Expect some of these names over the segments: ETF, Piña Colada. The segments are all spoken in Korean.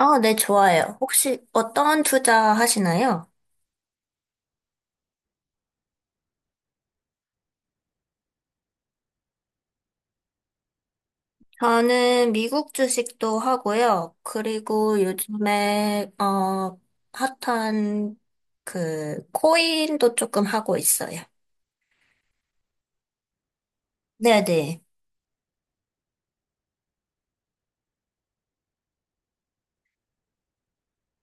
아, 네, 좋아요. 혹시 어떤 투자 하시나요? 저는 미국 주식도 하고요. 그리고 요즘에, 핫한 그, 코인도 조금 하고 있어요. 네네.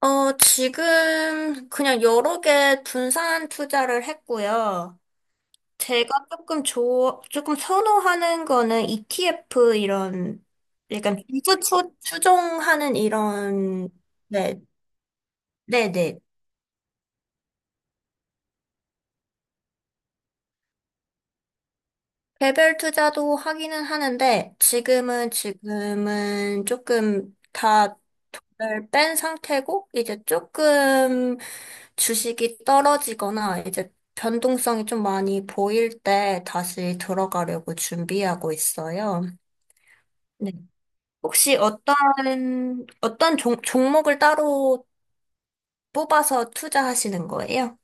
지금 그냥 여러 개 분산 투자를 했고요. 제가 조금 선호하는 거는 ETF 이런, 약간 추종하는 이런, 네, 네네. 개별 투자도 하기는 하는데 지금은 조금 다를 뺀 상태고 이제 조금 주식이 떨어지거나 이제 변동성이 좀 많이 보일 때 다시 들어가려고 준비하고 있어요. 네. 혹시 어떤 종목을 따로 뽑아서 투자하시는 거예요?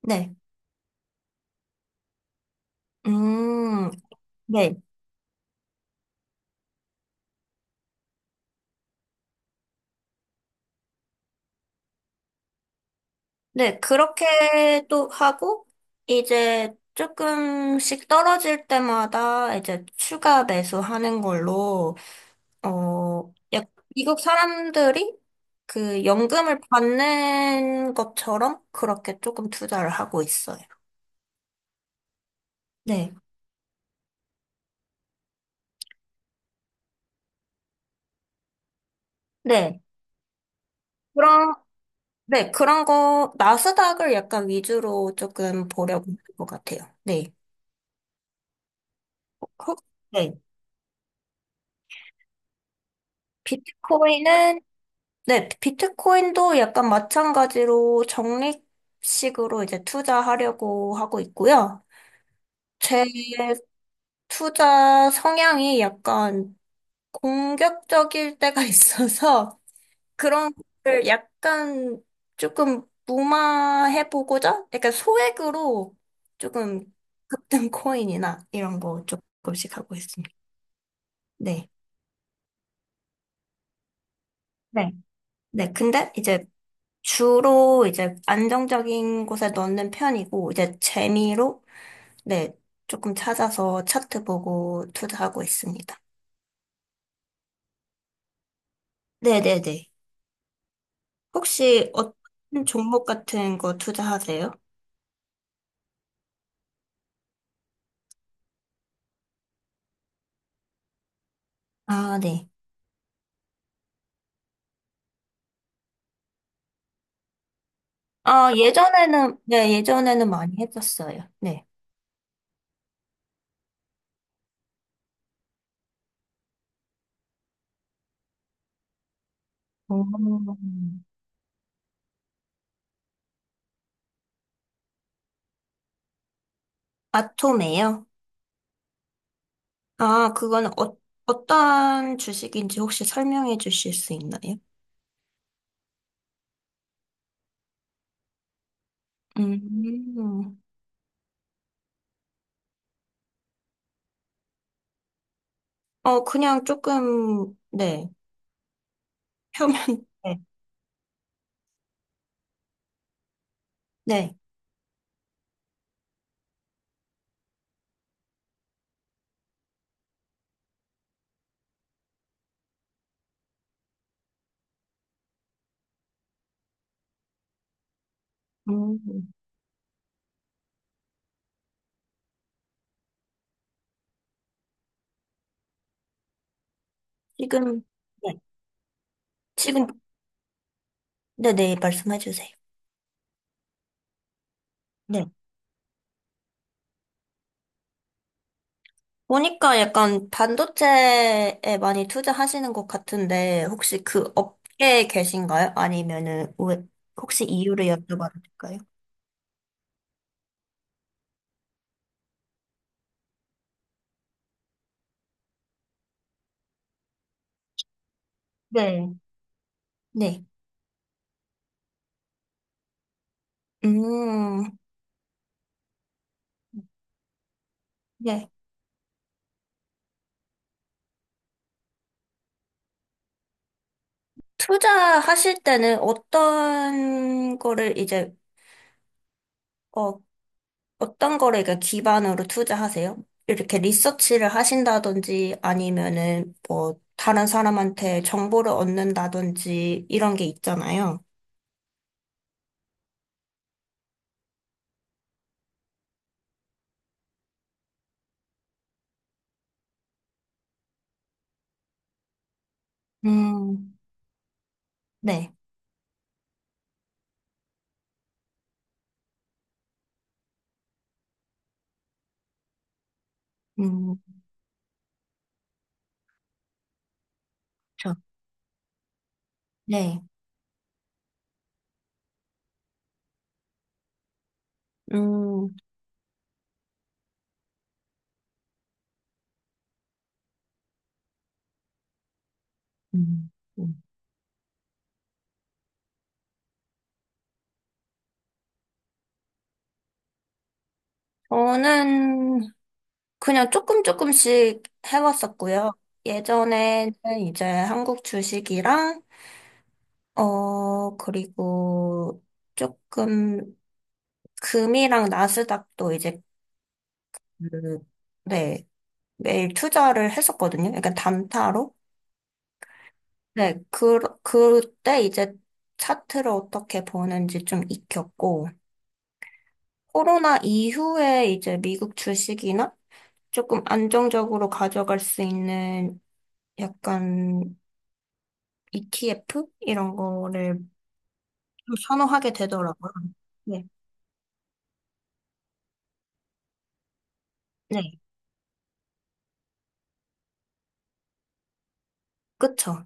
네. 음, 네. 네, 그렇게 또 하고, 이제 조금씩 떨어질 때마다 이제 추가 매수하는 걸로, 어, 약- 미국 사람들이 그 연금을 받는 것처럼 그렇게 조금 투자를 하고 있어요. 네. 네. 그런, 네, 그런 거, 나스닥을 약간 위주로 조금 보려고 하는 것 같아요. 네. 혹- 네. 비트코인은 네, 비트코인도 약간 마찬가지로 적립식으로 이제 투자하려고 하고 있고요. 제 투자 성향이 약간 공격적일 때가 있어서 그런 걸 약간 조금 무마해보고자? 약간 소액으로 조금 급등 코인이나 이런 거 조금씩 하고 있습니다. 네. 네. 네, 근데 이제 주로 이제 안정적인 곳에 넣는 편이고, 이제 재미로, 네, 조금 찾아서 차트 보고 투자하고 있습니다. 네네네. 혹시 어떤 종목 같은 거 투자하세요? 아, 네. 아, 예전에는, 네, 예전에는 많이 했었어요. 네. 음. 아톰이에요? 아, 그건 어떤 주식인지 혹시 설명해 주실 수 있나요? 음. 그냥 조금, 네. 표면, 네. 네. 음, 지금, 네. 지금, 네네, 말씀해 주세요. 네. 보니까 약간 반도체에 많이 투자하시는 것 같은데, 혹시 그 업계에 계신가요? 아니면은, 혹시 이유를 여쭤봐도 될까요? 네. 네. 음, 네. 투자하실 때는 어떤 거를 이제, 어, 어떤 거를 이렇게 기반으로 투자하세요? 이렇게 리서치를 하신다든지 아니면은 뭐 다른 사람한테 정보를 얻는다든지 이런 게 있잖아요. 음, 네. 음, 그렇죠. 네. 음, 음, 음. 저는 그냥 조금 조금씩 해왔었고요. 예전에는 이제 한국 주식이랑, 그리고 조금 금이랑 나스닥도 이제 음, 네, 매일 투자를 했었거든요. 약간 단타로. 네, 그때 이제 차트를 어떻게 보는지 좀 익혔고, 코로나 이후에 이제 미국 주식이나 조금 안정적으로 가져갈 수 있는 약간 ETF? 이런 거를 좀 선호하게 되더라고요. 네, 네, 그쵸.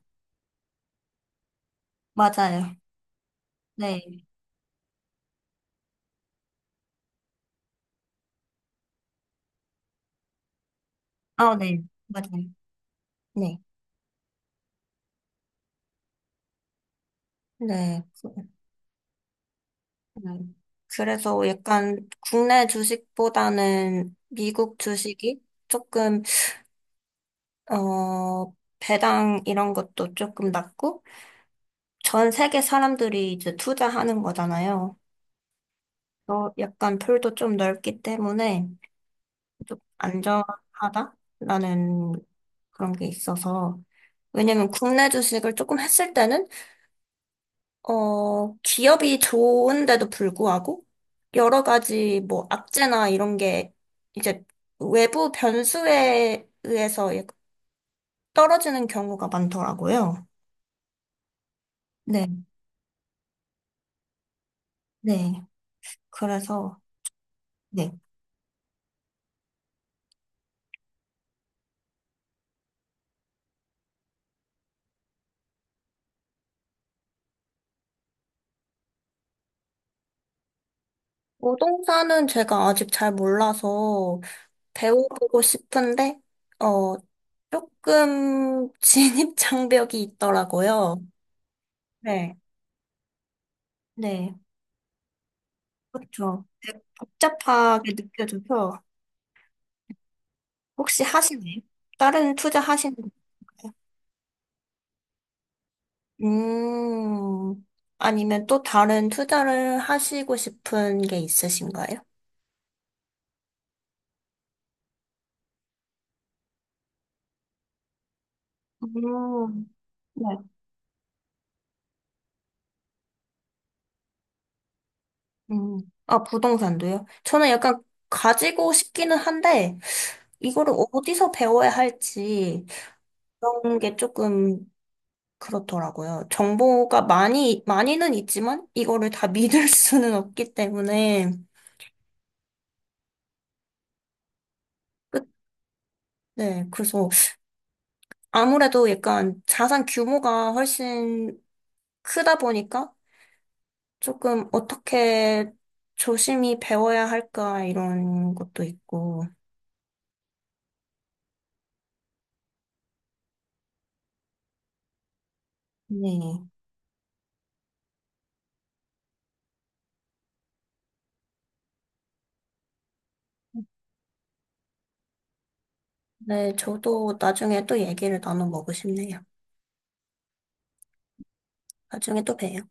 맞아요. 네. 아, 네, 맞아요. 네, 네. 음. 그래서 약간 국내 주식보다는 미국 주식이 조금, 어, 배당 이런 것도 조금 낮고, 전 세계 사람들이 이제 투자하는 거잖아요. 약간 풀도 좀 넓기 때문에 좀 안전하다라는 그런 게 있어서, 왜냐면 국내 주식을 조금 했을 때는 기업이 좋은데도 불구하고 여러 가지 뭐 악재나 이런 게 이제 외부 변수에 의해서 떨어지는 경우가 많더라고요. 네, 네. 그래서 네. 부동산은 제가 아직 잘 몰라서 배워보고 싶은데 어, 조금 진입 장벽이 있더라고요. 네, 네. 그렇죠. 되게 복잡하게 느껴져서 혹시 하시나요? 다른 투자 하시는 건가요? 음, 아니면 또 다른 투자를 하시고 싶은 게 있으신가요? 음, 네. 음, 아, 부동산도요? 저는 약간 가지고 싶기는 한데, 이거를 어디서 배워야 할지, 그런 게 조금 그렇더라고요. 정보가 많이, 많이는 있지만, 이거를 다 믿을 수는 없기 때문에, 끝- 네, 그래서 아무래도 약간 자산 규모가 훨씬 크다 보니까 조금 어떻게 조심히 배워야 할까 이런 것도 있고. 네. 네, 저도 나중에 또 얘기를 나눠 먹고 싶네요. 나중에 또 봬요.